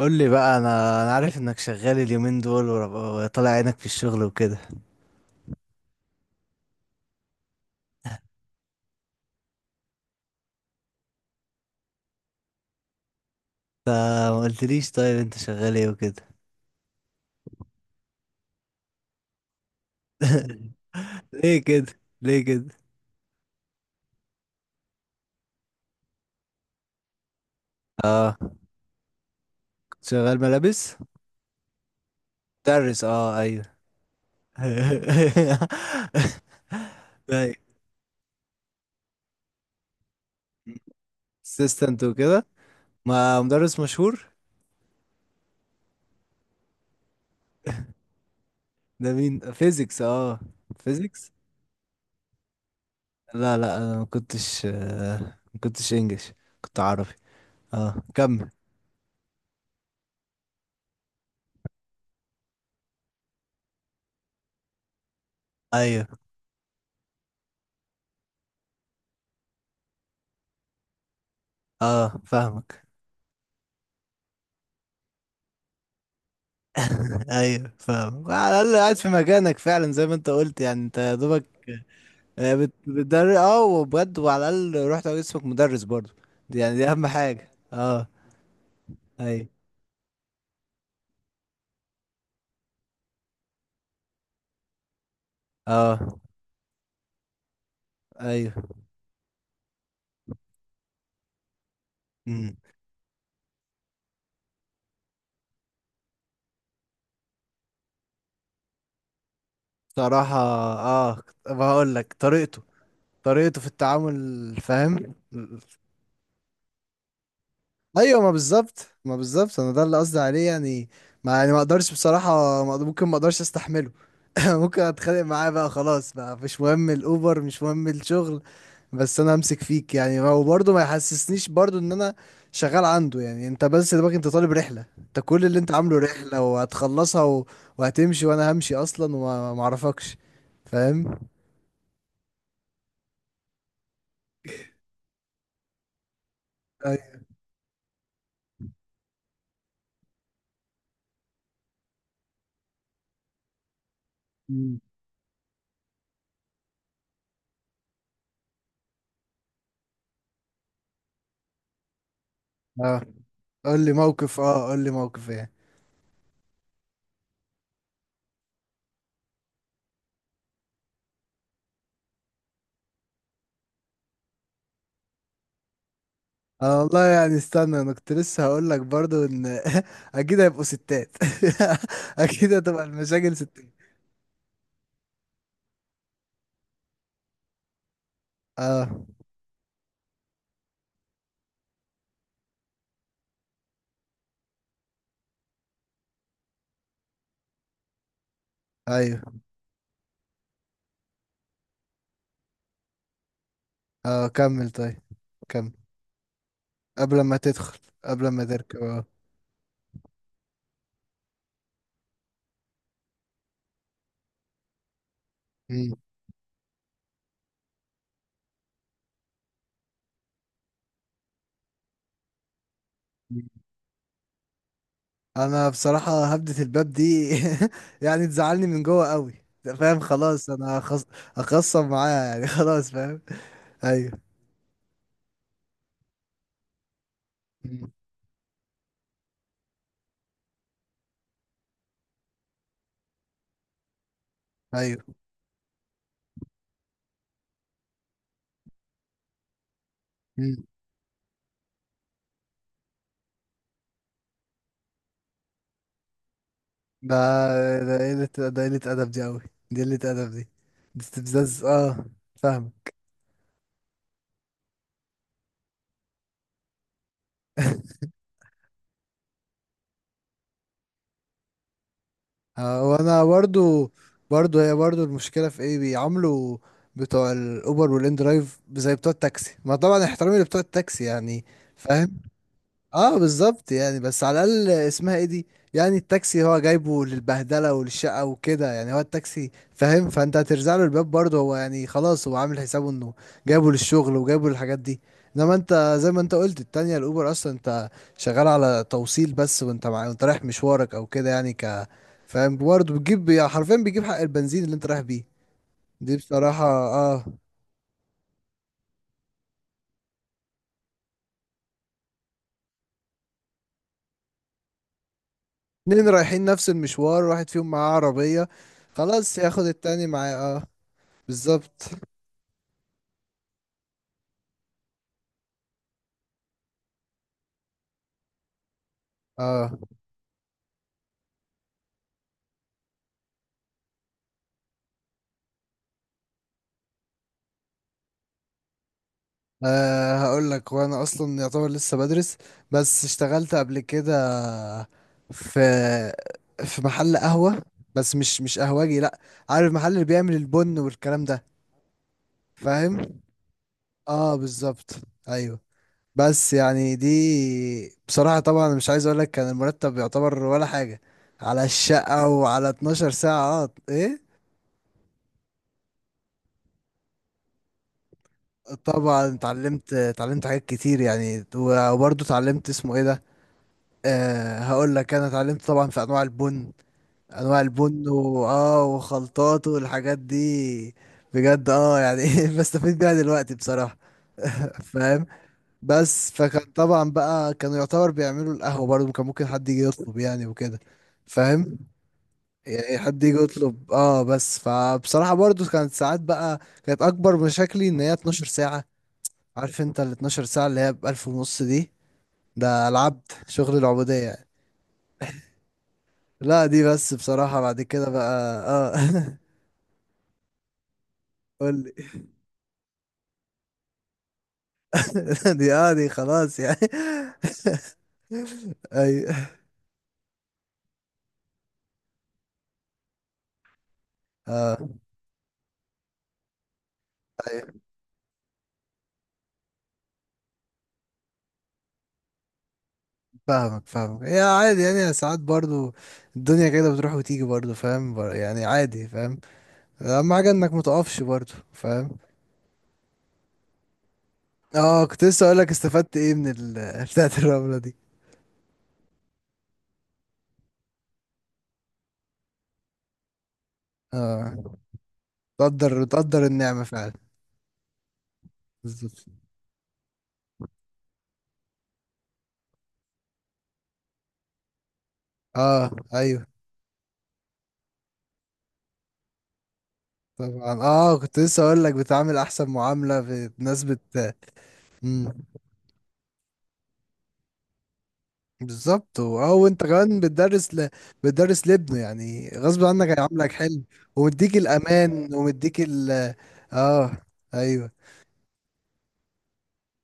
قول لي بقى انا عارف انك شغال اليومين دول وطالع عينك في الشغل وكده. انت ما قلتليش، طيب انت شغال ايه وكده؟ ليه كده؟ ليه كده؟ اه كنت شغال ملابس؟ مدرس، اه ايوه. طيب. اسيستنت وكده. ما مدرس مشهور. ده مين؟ فيزيكس، اه. فيزيكس، لا لا انا ما كنتش، ما كنتش انجلش، كنت عربي. اه كمل. ايوه. اه فاهمك. ايوه فاهم، على الاقل قاعد في مكانك فعلا زي ما انت قلت، يعني انت يا دوبك بتدرس اه وبجد، وعلى الاقل رحت اسمك مدرس برضو. دي يعني دي اهم حاجه، اه. ايوه. اه، ايوه. امم. صراحه اه، بقول لك طريقته. طريقته في التعامل، فاهم. ايوه، ما بالظبط، ما بالظبط، انا ده اللي قصدي عليه يعني. ما يعني ما اقدرش بصراحه، ممكن ما اقدرش استحمله. ممكن اتخانق معاه بقى، خلاص بقى مش مهم الاوبر، مش مهم الشغل. بس انا همسك فيك يعني، هو برضه ما يحسسنيش برضه ان انا شغال عنده. يعني انت بس دماغك انت طالب رحله، انت كل اللي انت عامله رحله وهتخلصها و... وهتمشي وانا همشي اصلا، وما ما اعرفكش، فاهم. أي... مم. اه قول لي موقف، اه قول لي موقف ايه. انا والله يعني استنى، انا كنت لسه هقول لك برضه ان اكيد هيبقوا ستات. اكيد هتبقى المشاكل ستات. اه، ايوه. اه كمل طيب. كمل. قبل ما تدخل، قبل ما تركب، اه. مم. انا بصراحة هبدة الباب دي. يعني تزعلني من جوه قوي ده، فاهم؟ خلاص انا هخص... هخصم معاها يعني. خلاص فاهم. ايوه. مم. ايوه. مم. ده، ده قلة ادب دي قوي. دي قلة ادب دي. دي استفزاز، اه. فاهم. وانا برضو. برضو، هي برضو المشكله في ايه؟ بيعاملوا بتوع الاوبر والان درايف زي بتوع التاكسي. ما طبعا احترامي لبتوع التاكسي يعني. فاهم. اه بالظبط، يعني بس على الاقل اسمها ايه دي. يعني التاكسي هو جايبه للبهدله وللشقه وكده، يعني هو التاكسي، فاهم؟ فانت هترزع له الباب برضه، هو يعني خلاص هو عامل حسابه انه جايبه للشغل وجايبه للحاجات دي. انما انت زي ما انت قلت التانية، الاوبر اصلا انت شغال على توصيل بس، وانت مع... وانت رايح مشوارك او كده يعني ك، فاهم؟ برضه بتجيب يعني حرفيا بيجيب حق البنزين اللي انت رايح بيه. دي بصراحه، اه. اتنين رايحين نفس المشوار، واحد فيهم معاه عربيه، خلاص ياخد التاني معاه، اه بالظبط. اه. آه هقول لك، وانا اصلا يعتبر لسه بدرس، بس اشتغلت قبل كده في، في محل قهوة. بس مش، مش قهوجي، لا. عارف المحل اللي بيعمل البن والكلام ده؟ فاهم. اه، بالظبط. ايوه. بس يعني دي بصراحة، طبعا مش عايز اقول لك، كان المرتب يعتبر ولا حاجة، على الشقة وعلى 12 ساعة، اه ايه. طبعا اتعلمت، اتعلمت حاجات كتير يعني، وبرضه اتعلمت اسمه ايه ده. أه هقول لك، انا اتعلمت طبعا في انواع البن. انواع البن و... اه، وخلطات والحاجات دي، بجد، اه. يعني بستفيد بيها دلوقتي بصراحة. فاهم. بس فكان طبعا بقى، كانوا يعتبر بيعملوا القهوة برضه، كان ممكن حد يجي يطلب يعني وكده، فاهم. يعني حد يجي يطلب، اه. بس فبصراحة برضه كانت ساعات بقى، كانت اكبر مشاكلي ان هي 12 ساعة. عارف انت ال 12 ساعة اللي هي ب 1000 ونص دي؟ ده العبد، شغل العبودية. لا دي بس بصراحة، بعد كده بقى، اه. قول لي. دي، اه، دي خلاص يعني. اي، اه، اي. فاهمك، فاهمك، هي عادي يعني ساعات برضو، الدنيا كده بتروح وتيجي برضو، فاهم. يعني عادي، فاهم. اهم حاجة انك متقفش برضو، فاهم. اه، كنت لسه اقول لك استفدت ايه من ال... بتاعت الرملة دي. اه، تقدر، تقدر النعمة فعلا. بالظبط. اه، ايوه. طبعا، اه، كنت لسه اقول لك بتعامل احسن معامله، في ناس بت، مم. بالظبط و... اه وانت كمان بتدرس ل... بتدرس لابنه يعني، غصب عنك هيعاملك حلو، ومديك الامان ومديك ال، اه. ايوه.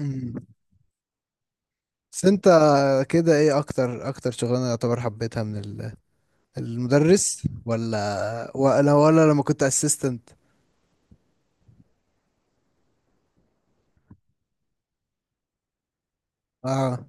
مم. بس انت كده ايه اكتر، اكتر شغلانه يعتبر حبيتها من ال، المدرس ولا، ولا، ولا لما كنت اسيستنت؟ اه،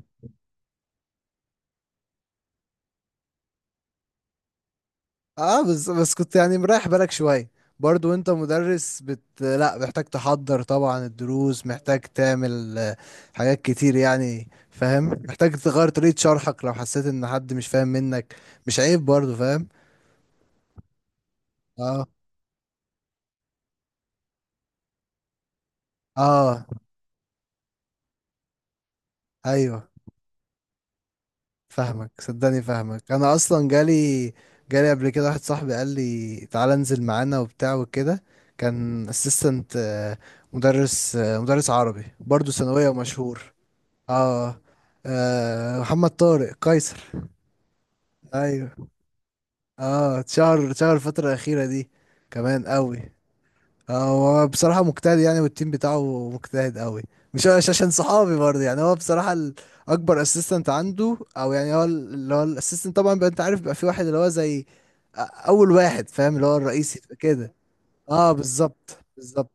اه. بس كنت يعني مريح بالك شوية برضو، انت مدرس بت لا، محتاج تحضر طبعا الدروس، محتاج تعمل حاجات كتير يعني، فاهم. محتاج تغير طريقة شرحك لو حسيت ان حد مش فاهم منك، مش عيب برضو، فاهم. اه. اه. ايوه. فاهمك، صدقني فاهمك. انا اصلا جالي، جالي قبل كده واحد صاحبي قال لي تعالى انزل معانا وبتاع وكده، كان اسيستنت مدرس. مدرس عربي برضو، ثانوية، ومشهور. اه. محمد طارق قيصر. ايوه. اه اتشهر، اتشهر الفترة الأخيرة دي كمان قوي. اه، هو بصراحة مجتهد يعني، والتيم بتاعه مجتهد قوي. مش، مش عشان صحابي برضه يعني. هو بصراحة ال، أكبر اسيستنت عنده. أو يعني هو ال، اللي هو الاسيستنت طبعا بقى، أنت عارف بقى، في واحد اللي هو زي، أ، أول واحد، فاهم، اللي هو الرئيسي كده. اه بالظبط، بالظبط.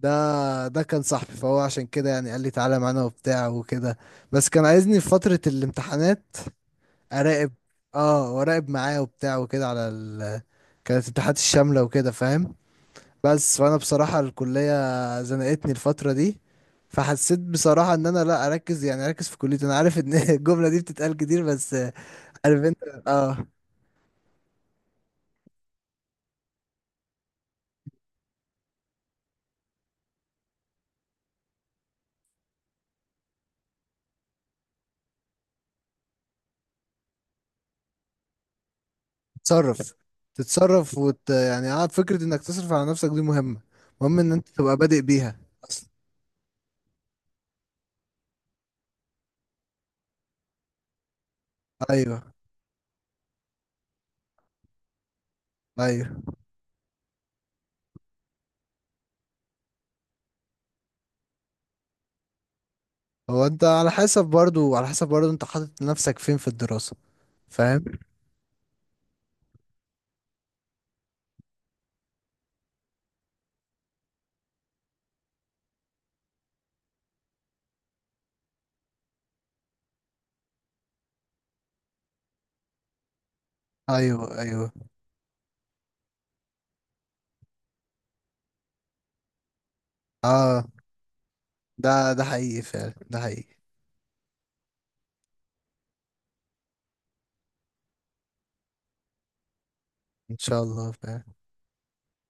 ده، ده كان صاحبي، فهو عشان كده يعني قال لي تعالى معانا وبتاع وكده. بس كان عايزني في فترة الامتحانات اراقب. اه واراقب معاه وبتاع وكده، على ال... كانت الامتحانات الشامله وكده، فاهم. بس فانا بصراحه الكليه زنقتني الفتره دي، فحسيت بصراحه ان انا لا اركز، يعني اركز في كليتي. انا عارف ان الجمله دي بتتقال كتير، بس عارف انت، اه. تتصرف. تتصرف وت... يعني اه، فكره انك تصرف على نفسك دي مهمه، مهم ان انت تبقى بادئ بيها اصلا. ايوه. ايوه. هو انت على حسب برضو، على حسب برضو انت حاطط نفسك فين في الدراسه. فاهم. ايوه. ايوه. اه. ده، ده حقيقي فعلا، ده حقيقي. ان شاء الله، فعلا.